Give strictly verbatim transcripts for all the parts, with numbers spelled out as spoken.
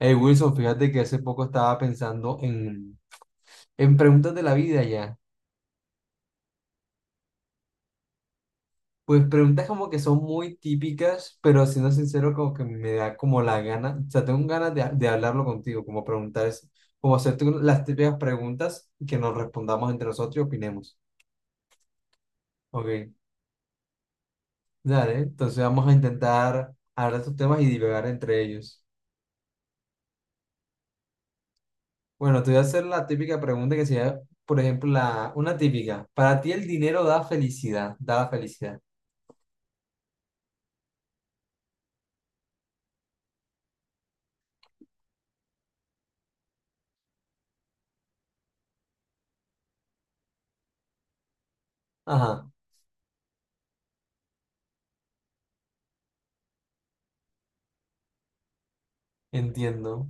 Hey Wilson, fíjate que hace poco estaba pensando en, en preguntas de la vida ya. Pues preguntas como que son muy típicas, pero siendo sincero, como que me da como la gana, o sea, tengo ganas de, de hablarlo contigo, como preguntar, es- como hacerte un- las típicas preguntas y que nos respondamos entre nosotros y opinemos. Ok, dale, entonces vamos a intentar hablar de estos temas y divagar entre ellos. Bueno, te voy a hacer la típica pregunta que sería, por ejemplo, la, una típica. ¿Para ti el dinero da felicidad? Da la felicidad. Ajá. Entiendo,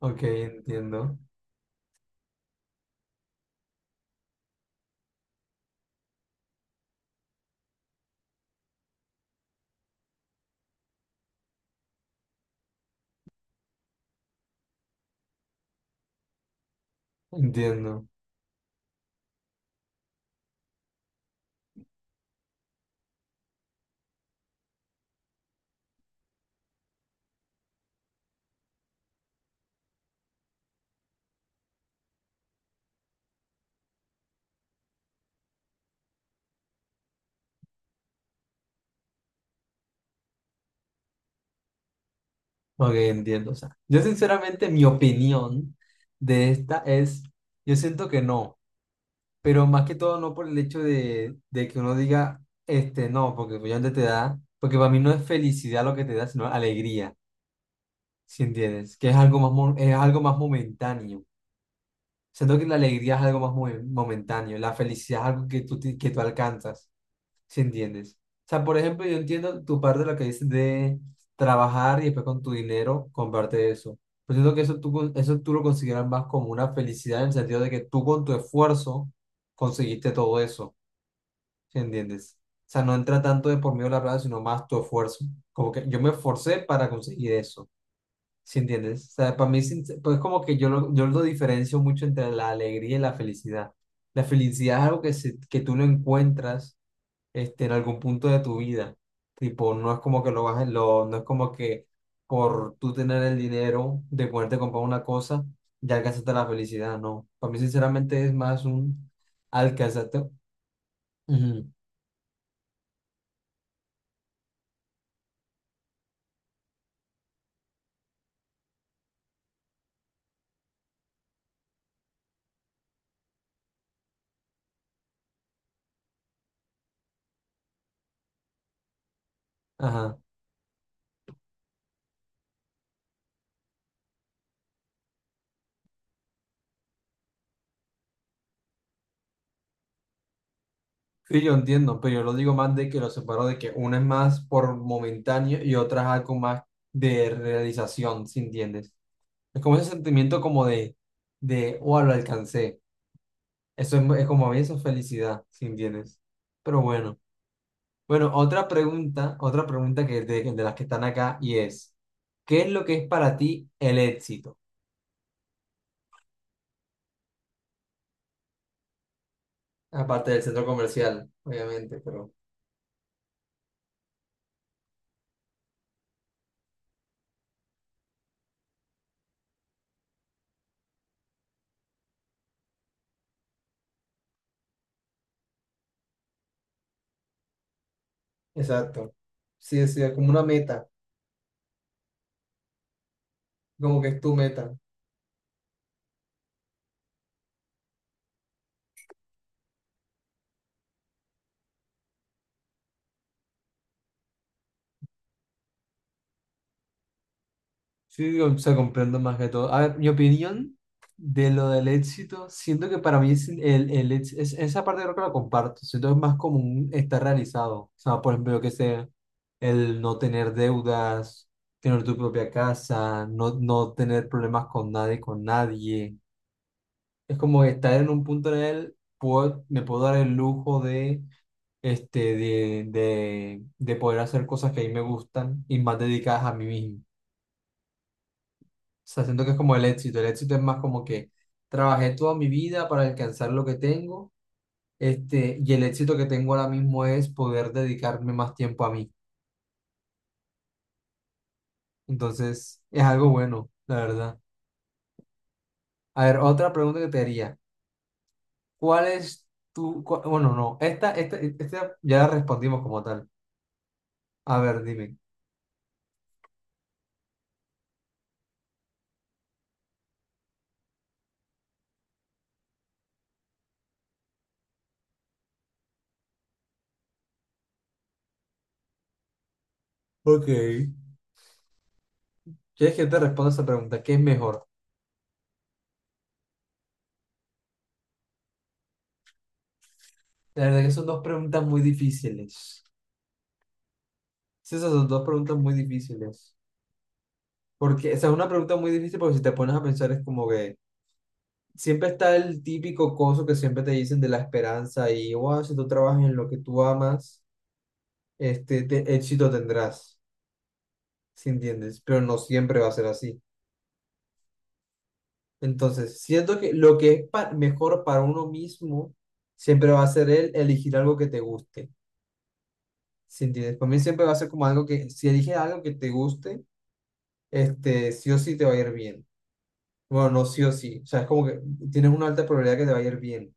ok, entiendo, entiendo, ok, entiendo. O sea, yo sinceramente mi opinión de esta es, yo siento que no, pero más que todo no por el hecho de, de que uno diga, este, no, porque obviamente te da, porque para mí no es felicidad lo que te da, sino alegría, ¿si entiendes? Que es algo más, mo- es algo más momentáneo. Siento que la alegría es algo más mo- momentáneo, la felicidad es algo que tú, te- que tú alcanzas. ¿Si entiendes? O sea, por ejemplo, yo entiendo tu parte de lo que dices de trabajar y después con tu dinero comparte eso. Pero siento que eso tú, con- eso tú lo consideras más como una felicidad en el sentido de que tú con tu esfuerzo conseguiste todo eso, ¿si entiendes? O sea, no entra tanto de por medio de la plata, sino más tu esfuerzo. Como que yo me esforcé para conseguir eso, ¿si entiendes? O sea, para mí sin- pues como que yo lo, yo lo diferencio mucho entre la alegría y la felicidad. La felicidad es algo que, se- que tú lo encuentras, este, en algún punto de tu vida. Tipo, no es como que lo vas a- lo, no es como que por tú tener el dinero de poderte comprar una cosa, ya alcanzaste la felicidad, no. Para mí, sinceramente, es más un alcanzarte. Ujú. Ajá. Sí, yo entiendo, pero yo lo digo más de que lo separo de que una es más por momentáneo y otra es algo más de realización, ¿si entiendes? Es como ese sentimiento como de, de, oh, lo alcancé. Eso es, es como a mí, eso es felicidad, ¿si entiendes? Pero bueno. Bueno, otra pregunta, otra pregunta que de, de las que están acá y es, ¿qué es lo que es para ti el éxito? Aparte del centro comercial, obviamente, pero... Exacto. Sí, sí, es como una meta, como que es tu meta. Sí, o sea, comprendo más que todo. A ver, mi opinión de lo del éxito, siento que para mí es el, el, ex- es, esa parte creo que la comparto, siento que es más común estar realizado. O sea, por ejemplo, yo que sé, el no tener deudas, tener tu propia casa, no, no tener problemas con nadie, con nadie. Es como estar en un punto en el, puedo- me puedo dar el lujo de, este, de, de, de poder hacer cosas que a mí me gustan y más dedicadas a mí mismo. O sea, siento que es como el éxito. El éxito es más como que trabajé toda mi vida para alcanzar lo que tengo, este, y el éxito que tengo ahora mismo es poder dedicarme más tiempo a mí. Entonces, es algo bueno, la verdad. A ver, otra pregunta que te haría. ¿Cuál es tu, cua- Bueno, no, esta, esta, esta ya la respondimos como tal. A ver, dime. Ok. ¿Quieres que yo te responda esa pregunta? ¿Qué es mejor? La verdad que son dos preguntas muy difíciles. Sí, esas son dos preguntas muy difíciles. Porque esa es una pregunta muy difícil porque si te pones a pensar es como que siempre está el típico coso que siempre te dicen de la esperanza y, wow, si tú trabajas en lo que tú amas, este te- éxito tendrás, ¿sí entiendes? Pero no siempre va a ser así. Entonces, siento que lo que es pa- mejor para uno mismo siempre va a ser el elegir algo que te guste, ¿sí entiendes? Para mí siempre va a ser como algo que, si eliges algo que te guste, este sí o sí te va a ir bien. Bueno, no sí o sí, o sea, es como que tienes una alta probabilidad que te va a ir bien.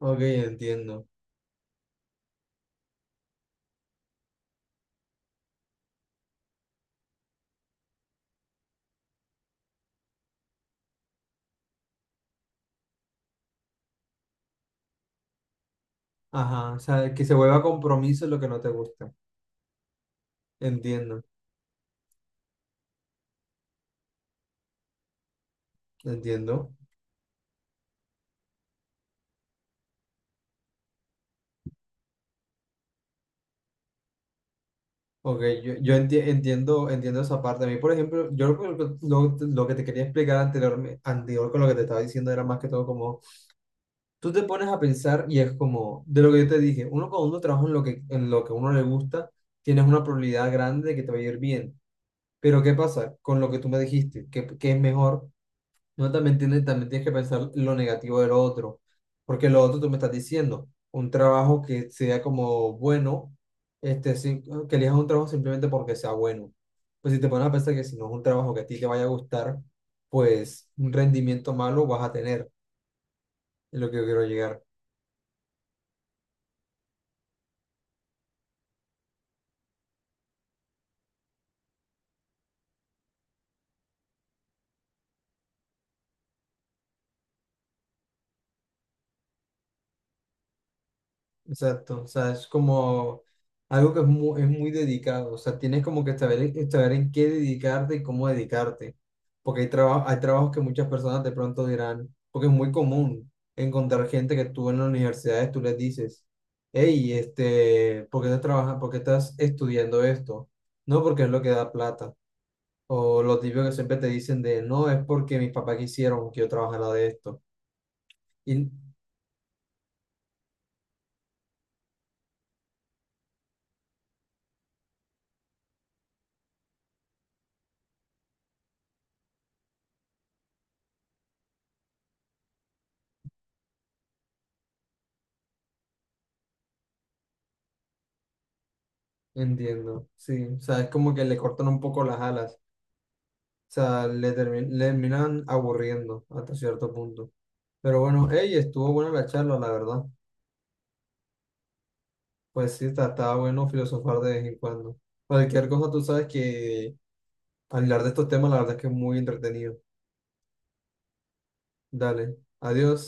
Ok, entiendo. Ajá, o sea, que se vuelva compromiso lo que no te gusta. Entiendo, entiendo. Ok, yo, yo enti- entiendo, entiendo esa parte. A mí, por ejemplo, yo lo, que lo- lo que te quería explicar anterior, anterior con lo que te estaba diciendo era más que todo como, tú te pones a pensar y es como, de lo que yo te dije, uno cuando uno trabaja en lo que, en lo que, a uno le gusta, tienes una probabilidad grande de que te va a ir bien. Pero, ¿qué pasa con lo que tú me dijiste? que que es mejor? No, también tienes, también tienes que pensar lo negativo del otro, porque lo otro tú me estás diciendo, un trabajo que sea como bueno, este, sí, que elijas un trabajo simplemente porque sea bueno. Pues si te pones a pensar que si no es un trabajo que a ti te vaya a gustar, pues un rendimiento malo vas a tener, es lo que yo quiero llegar. Exacto, o sea, es como algo que es muy, es muy dedicado, o sea, tienes como que saber, en saber en qué dedicarte y cómo dedicarte, porque hay, traba- hay trabajos que muchas personas de pronto dirán, porque es muy común encontrar gente que tú en las universidades tú les dices, hey, este, ¿por qué estás trabajando, por qué estás estudiando esto? No, porque es lo que da plata, o lo típico que siempre te dicen de, no, es porque mis papás quisieron que yo trabajara de esto, y entiendo, sí, o sea, es como que le cortan un poco las alas. Sea, le, termi- le terminan aburriendo hasta cierto punto. Pero bueno, hey, estuvo buena la charla, la verdad. Pues sí, está, está bueno filosofar de vez en cuando. Cualquier cosa, tú sabes que hablar de estos temas, la verdad es que es muy entretenido. Dale, adiós.